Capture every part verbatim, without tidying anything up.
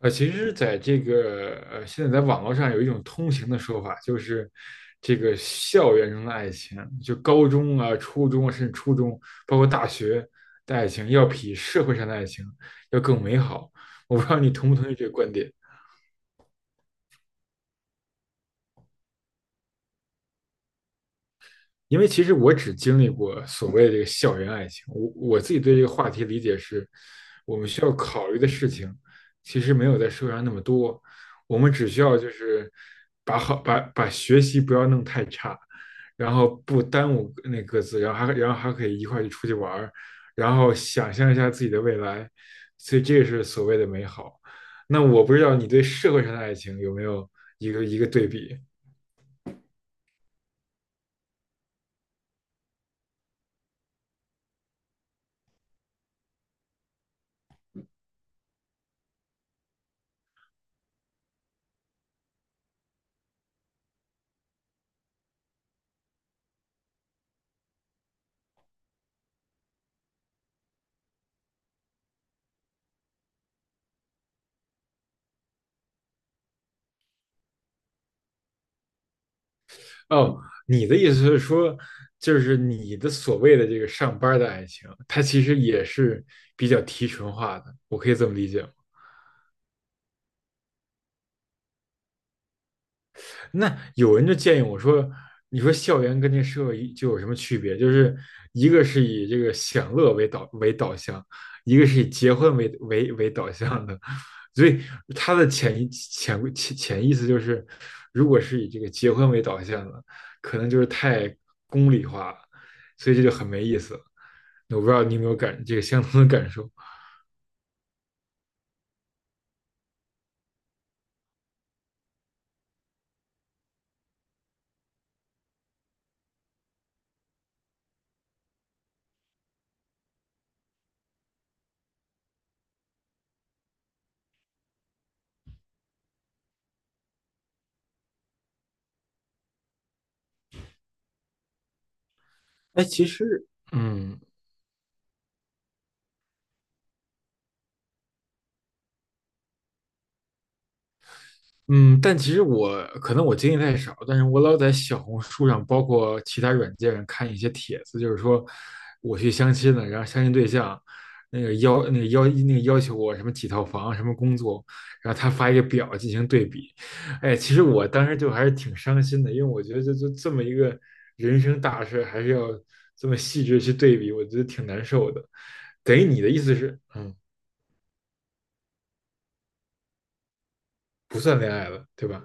呃，其实，在这个呃，现在在网络上有一种通行的说法，就是这个校园中的爱情，就高中啊、初中啊，甚至初中，包括大学的爱情，要比社会上的爱情要更美好。我不知道你同不同意这个观点。因为其实我只经历过所谓的这个校园爱情，我我自己对这个话题理解是，我们需要考虑的事情其实没有在社会上那么多，我们只需要就是把好把把学习不要弄太差，然后不耽误那各自，然后还然后还可以一块去出去玩儿，然后想象一下自己的未来，所以这个是所谓的美好。那我不知道你对社会上的爱情有没有一个一个对比？哦，你的意思是说，就是你的所谓的这个上班儿的爱情，它其实也是比较提纯化的，我可以这么理解吗？那有人就建议我说，你说校园跟这社会就有什么区别？就是一个是以这个享乐为导为导向，一个是以结婚为为为导向的，所以他的潜意潜潜潜意思就是，如果是以这个结婚为导向的，可能就是太功利化了，所以这就很没意思。我不知道你有没有感这个相同的感受。哎，其实，嗯嗯，但其实我可能我经历太少，但是我老在小红书上，包括其他软件上看一些帖子，就是说我去相亲了，然后相亲对象那个要那个要那个要求我什么几套房、什么工作，然后他发一个表进行对比。哎，其实我当时就还是挺伤心的，因为我觉得就就这么一个人生大事，还是要这么细致去对比，我觉得挺难受的。等于你的意思是，嗯。不算恋爱了，对吧？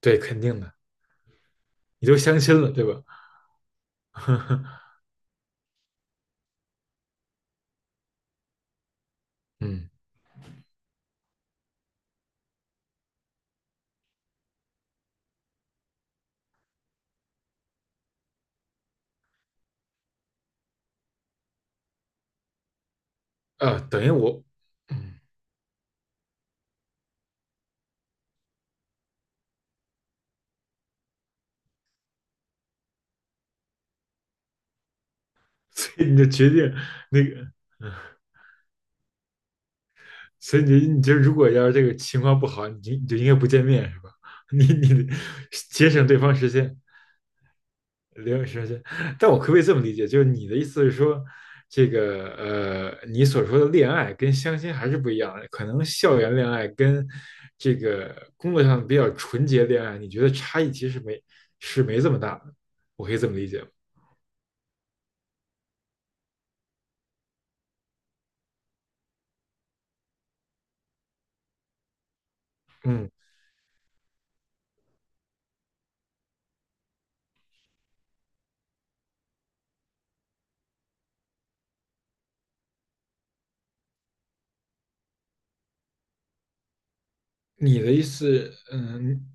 对，肯定的，你都相亲了，对吧？嗯，啊，等于我，嗯，所以你就决定那个，嗯所以你你就如果要是这个情况不好，你就你就应该不见面是吧？你你得节省对方时间。留老时间但我可不可以这么理解？就是你的意思是说，这个呃，你所说的恋爱跟相亲还是不一样的，可能校园恋爱跟这个工作上比较纯洁恋爱，你觉得差异其实没是没这么大的，我可以这么理解吗？嗯，你的意思，嗯，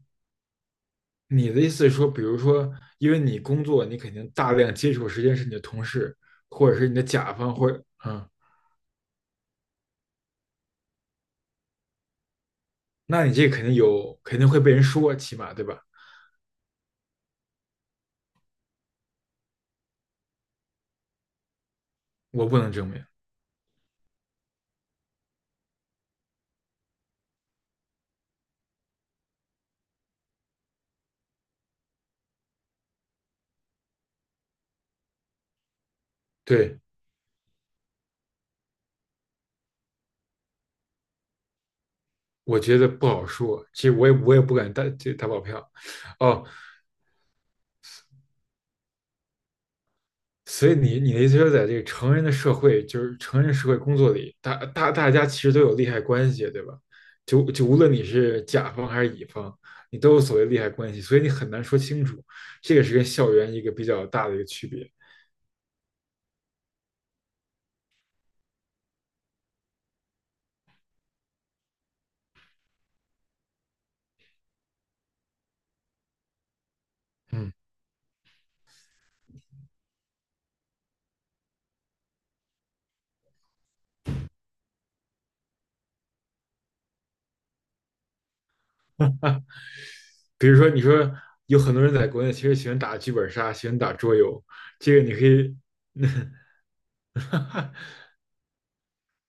你的意思是说，比如说，因为你工作，你肯定大量接触的时间是你的同事，或者是你的甲方，或者嗯，那你这肯定有，肯定会被人说，起码对吧？我不能证明。对，我觉得不好说，其实我也我也不敢打这打保票，哦，所以你你的意思说，在这个成人的社会，就是成人社会工作里，大大大家其实都有利害关系，对吧？就就无论你是甲方还是乙方，你都有所谓利害关系，所以你很难说清楚，这个是跟校园一个比较大的一个区别。嗯，比如说你说有很多人在国内其实喜欢打剧本杀，喜欢打桌游，这个你可以，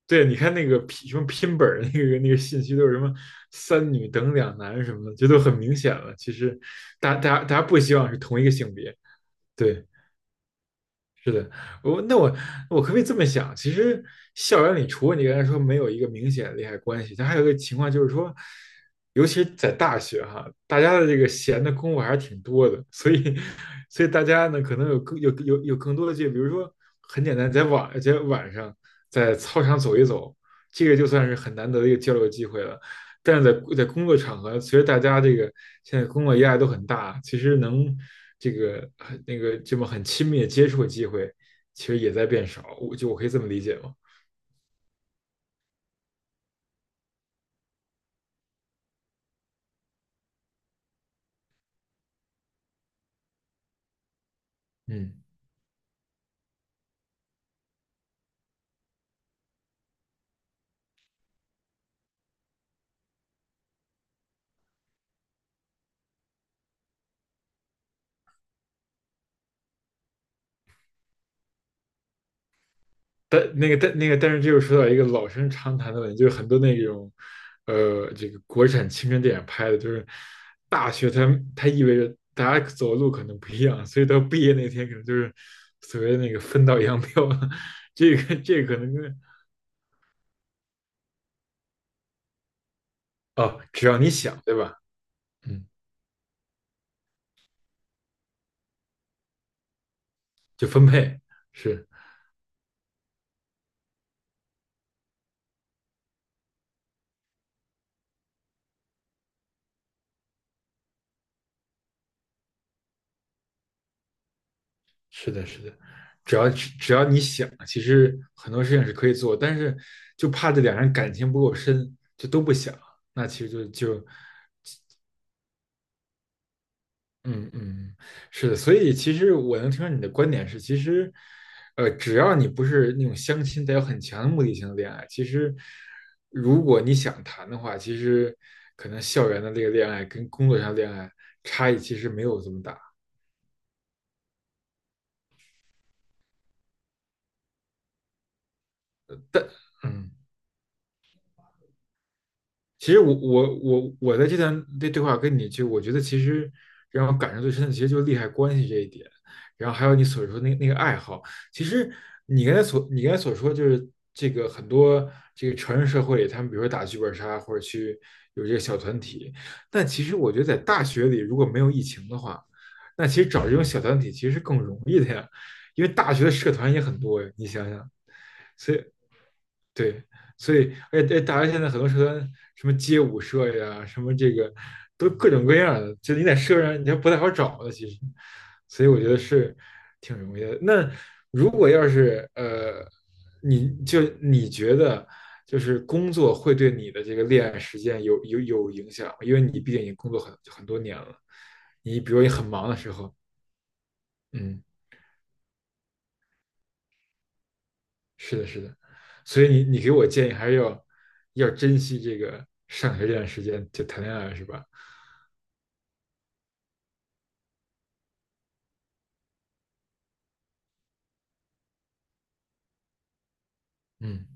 对，你看那个拼什么拼本儿那个那个信息都是什么三女等两男什么的，这都很明显了。其实大家大家大家不希望是同一个性别，对。是的，我那我我可不可以这么想？其实校园里，除了你刚才说没有一个明显的利害关系，它还有一个情况就是说，尤其是在大学哈，大家的这个闲的功夫还是挺多的，所以所以大家呢可能有更有有有更多的这，比如说很简单，在晚在晚上在操场走一走，这个就算是很难得的一个交流机会了。但是在在工作场合，其实大家这个现在工作压力都很大，其实能这个那个这么很亲密的接触的机会，其实也在变少。我就我可以这么理解吗？嗯，但那个但那个但是这又说到一个老生常谈的问题，就是很多那种呃这个国产青春电影拍的，就是大学它它意味着大家走的路可能不一样，所以到毕业那天可能就是所谓的那个分道扬镳了。这个这个可能跟哦，只要你想，对吧？嗯。就分配是是的，是的，只要只要你想，其实很多事情是可以做，但是就怕这两人感情不够深，就都不想，那其实就就嗯嗯是的，所以其实我能听出你的观点是，其实呃，只要你不是那种相亲带有很强的目的性的恋爱，其实如果你想谈的话，其实可能校园的这个恋爱跟工作上恋爱差异其实没有这么大，嗯。其实我我我我在这段对对话跟你就，我觉得其实让我感受最深的，其实就是利害关系这一点，然后还有你所说那那个爱好。其实你刚才所你刚才所说就是这个很多这个成人社会里，他们比如说打剧本杀或者去有这个小团体，但其实我觉得在大学里如果没有疫情的话，那其实找这种小团体其实是更容易的呀，因为大学的社团也很多呀，你想想。所以。对，所以而且大家现在很多社团，什么街舞社呀，什么这个，都各种各样的，就你在社上你还不太好找的，其实，所以我觉得是挺容易的。那如果要是呃，你就你觉得就是工作会对你的这个恋爱时间有有有影响吗因为你毕竟已经工作很很多年了，你比如你很忙的时候，嗯是的，是的，所以你你给我建议还是要要珍惜这个上学这段时间，就谈恋爱是吧？嗯，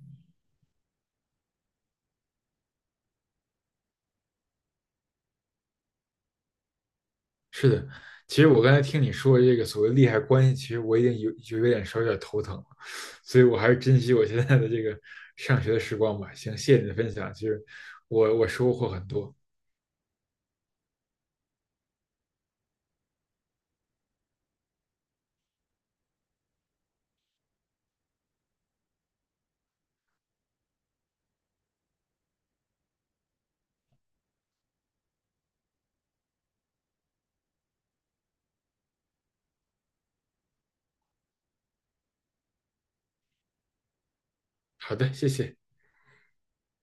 是的。其实我刚才听你说这个所谓利害关系，其实我已经有有有点稍微有点头疼了，所以我还是珍惜我现在的这个上学的时光吧。行，谢谢你的分享，其实我我收获很多。好的，谢谢。